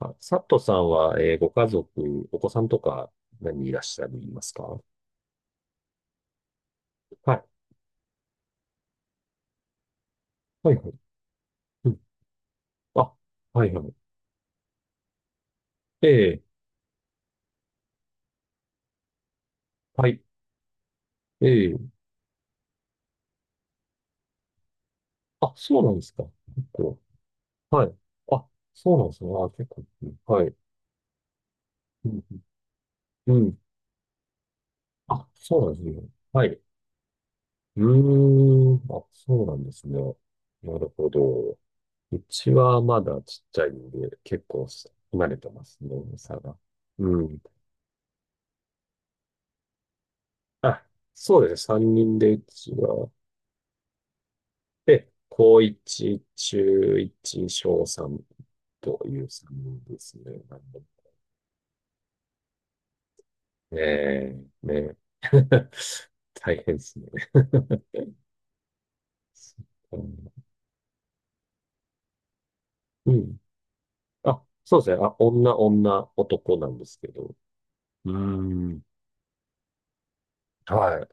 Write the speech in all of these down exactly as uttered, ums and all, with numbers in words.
あ、佐藤さんは、えーご家族、お子さんとか何人いらっしゃるいますかはい。はいはい。うん。あ、はいはい。ええ、はい。ええ。あ、そうなんですか。結構。はい。あ、そうなんですね。あ、結構。うんはい。うん。うん。あ、そうなんですね。はい。うーん。あ、そうなんですね。なるほど。うちはまだちっちゃいんで、結構離れてますね、差が。うん。あ、そうですね。さんにんで、うちは。で、高いち、中いち、小さんというさんですね。なんでええね。大変ですね。うんあ、そうですね。あ、女、女、男なんですけど。うーん。は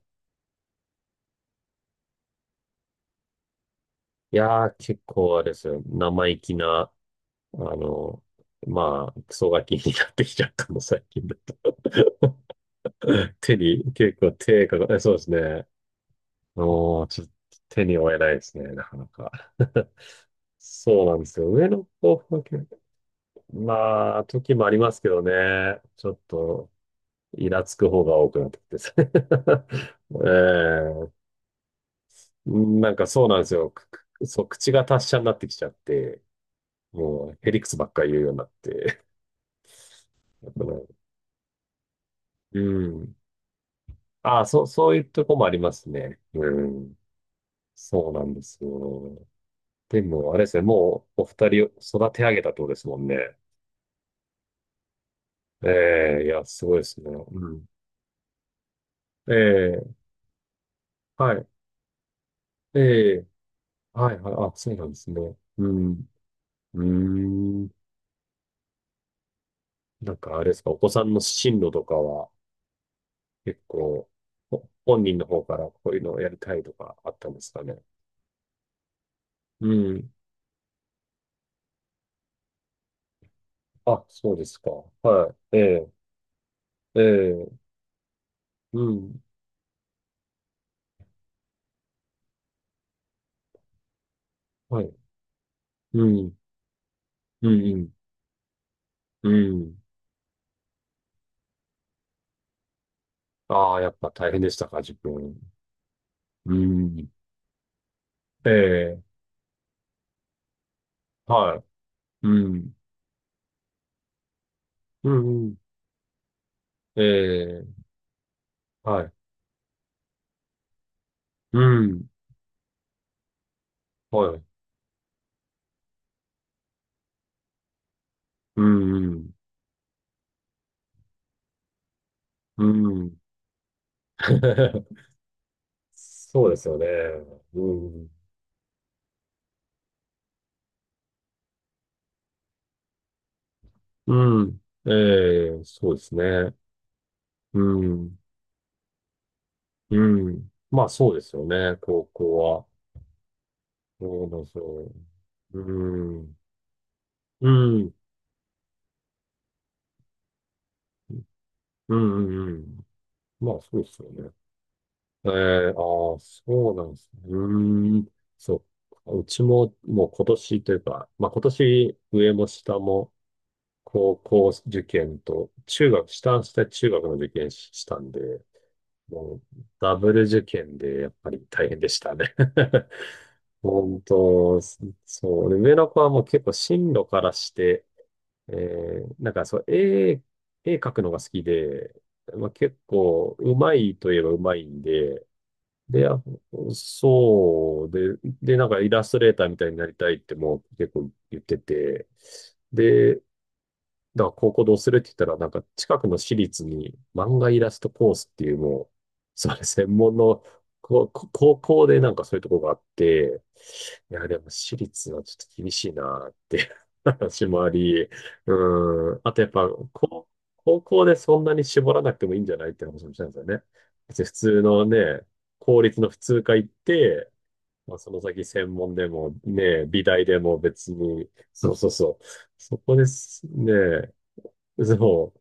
い。いやー、結構あれですよ。生意気な、あの、まあ、クソガキになってきちゃったの、最近だったら。手に、結構手が、えそうですね。もう、ちょっと手に負えないですね、なかなか。そうなんですよ。上の子は結構、まあ、時もありますけどね。ちょっと、イラつく方が多くなってきてですね。ええなんかそうなんですよ。くくそう、口が達者になってきちゃって、もう、へりくつばっかり言うようになって。うん。ああ、そう、そういうとこもありますね。うん。そうなんですよ。でも、あれですね、もう、お二人を育て上げたってことですもんね。ええいや、すごいですね。うん。ええはい。ええ、はいはい、あ、そうなんですね。うん、うーん。なんかあれですか、お子さんの進路とかは結構、ほ本人の方からこういうのをやりたいとかあったんですかね。うん。あ、そうですか。はい。ええ、ええ、うん。はい。うん、うん、うん、うん。ああ、やっぱ大変でしたか、自分。うん。ええ、はい。うん、うん、うん。ええ、はい。うん、はい。うん、うん。うん そうですよね。うん。うん。ええ、そうですね。うん。うん。まあそうですよね。高校は。そうだそう。うん。うん。うんうんうん。まあそうですよね。ええ、ああ、そうなんですね。うーん。そう。うちももう今年というか、まあ今年上も下も高校受験と中学、下は下中学の受験ししたんで、もう、ダブル受験でやっぱり大変でしたね。 本当、そう。で上の子はもう結構進路からして、えー、なんかそう、絵、絵描くのが好きで、まあ、結構うまいといえばうまいんで、で、あそう、で、で、なんかイラストレーターみたいになりたいってもう結構言ってて、で、だから高校どうするって言ったら、なんか近くの私立に漫画イラストコースっていうもう、それ専門のここ高校でなんかそういうとこがあって、いや、でも私立はちょっと厳しいなっていう 話もあり、うん、あとやっぱ高、高校でそんなに絞らなくてもいいんじゃないって話もしたんですよね。別に普通のね、公立の普通科行って、まあ、その先専門でもね、美大でも別に、そうそうそう。そこですね。そ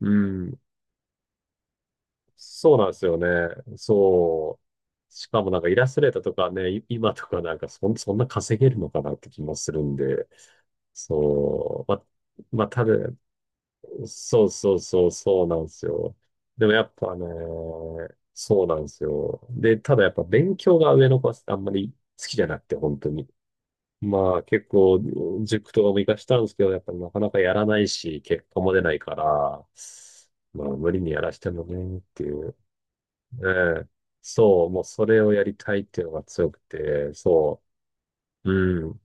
う。うん。そうなんですよね。そう。しかもなんかイラストレーターとかね、い今とかなんかそん、そんな稼げるのかなって気もするんで。そう。ま、まあ、ただ、そうそうそう、そうなんですよ。でもやっぱね、そうなんですよ。で、ただやっぱ勉強が上の子はあんまり好きじゃなくて、本当に。まあ結構塾とかも行かしたんですけど、やっぱりなかなかやらないし、結果も出ないから、まあ無理にやらしてもねっていう。ええそう、もうそれをやりたいっていうのが強くて、そう、うん、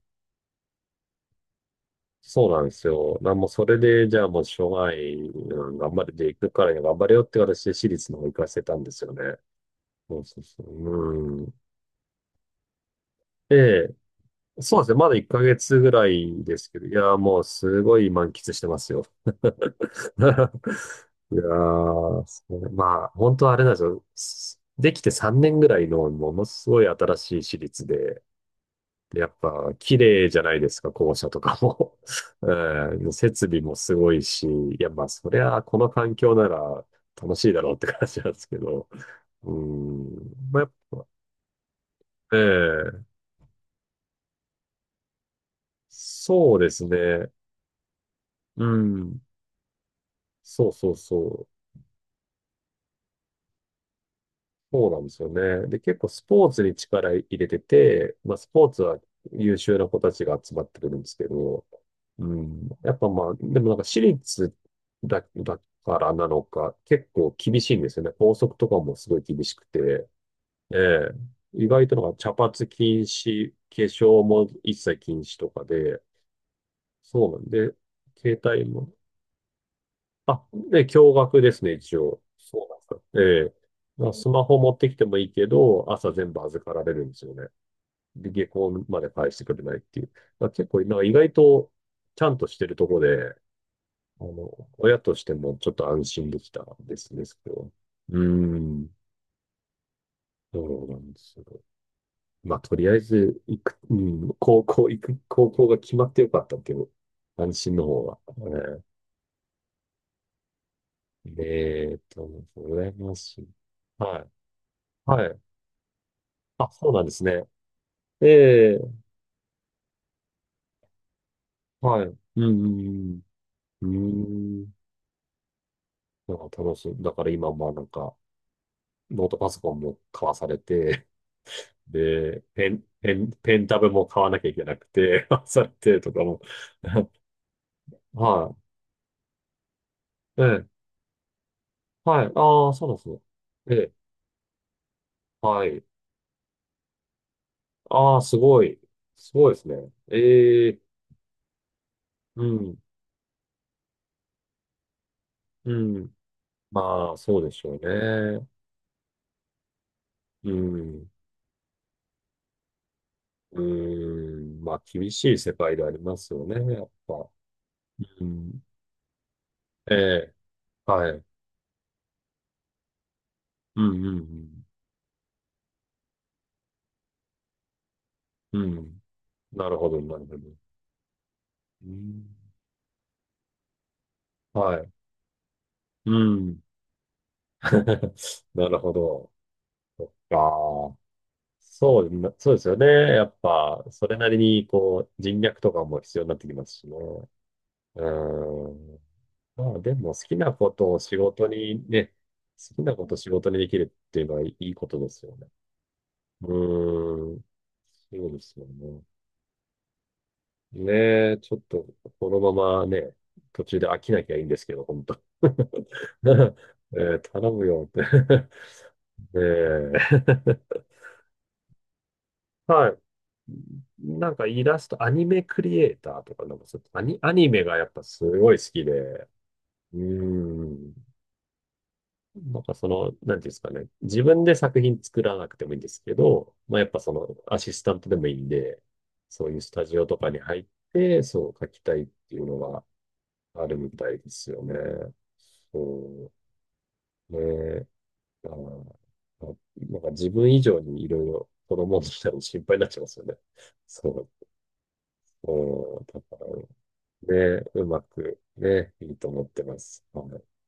そうなんですよ。なもうそれで、じゃあもうしょうがない、うん、頑張れていくからには頑張れよって形で私立の方行かせたんですよね。そうそうそう。うん。で、そうですね。まだいっかげつぐらいですけど、いや、もうすごい満喫してますよ。いやー、そうねまあ、本当はあれなんですよ。すできてさんねんぐらいのものすごい新しい私立で、でやっぱ綺麗じゃないですか、校舎とかも。うん、設備もすごいし、いや、まあ、そりゃ、この環境なら楽しいだろうって感じなんですけど。うん、まあ、やっぱ、ええそうですね。うん、そうそうそう。そうなんですよね。で、結構スポーツに力入れてて、まあ、スポーツは優秀な子たちが集まってくるんですけど、うん、やっぱまあ、でもなんか私立だ、だからなのか、結構厳しいんですよね。校則とかもすごい厳しくて、ええ、意外となんか茶髪禁止、化粧も一切禁止とかで、そうなんで、携帯も、あ、で、驚愕ですね、一応。そうなんですか。ええ。まあ、スマホ持ってきてもいいけど、朝全部預かられるんですよね。で、下校まで返してくれないっていう。まあ、結構、なんか意外と、ちゃんとしてるとこで、あの、親としてもちょっと安心できたですね、それは。うーん、そうなんですよ。まあ、とりあえず、行く、うん、高校行く、高校が決まってよかったっていう、安心の方が。ええねえ、と、羨ましい。はい。はい。あ、そうなんですね。ええ、はい。うん、うん、うん。うーん。なんか楽しい。だから今もなんか、ノートパソコンも買わされて、で、ペン、ペン、ペンタブも買わなきゃいけなくて、買わされてとかも。はい。ええ、はい。ああ、そうなんですね。ええ、はい。ああ、すごい。すごいですね。ええ、うん、うん。まあ、そうでしょうね。うん。うーん、まあ、厳しい世界でありますよね、やっぱ。うん。ええ、はい。うん、うん、うん。うん。なるほど、なるほど。うん。はい。うん。なるほど。そっか。そうな、そうですよね。やっぱ、それなりに、こう、人脈とかも必要になってきますしね。うん。まあ、でも、好きなことを仕事にね、好きなことを仕事にできるっていうのはいいことですよね。うん。そうですよね。ねえ、ちょっと、このままね、途中で飽きなきゃいいんですけど、本当 ねえ頼むよって ねえ はい。なんかイラスト、アニメクリエイターとか、なんかそうアニ、アニメがやっぱすごい好きで、うーん。なんかその、なんていうんですかね。自分で作品作らなくてもいいんですけど、まあやっぱそのアシスタントでもいいんで、そういうスタジオとかに入って、そう書きたいっていうのがあるみたいですよね。そうね。まあーあなんか自分以上にいろいろ子供の人も心配になっちゃいますよね。そう。うん、だからね、うまくね、いいと思ってます。はい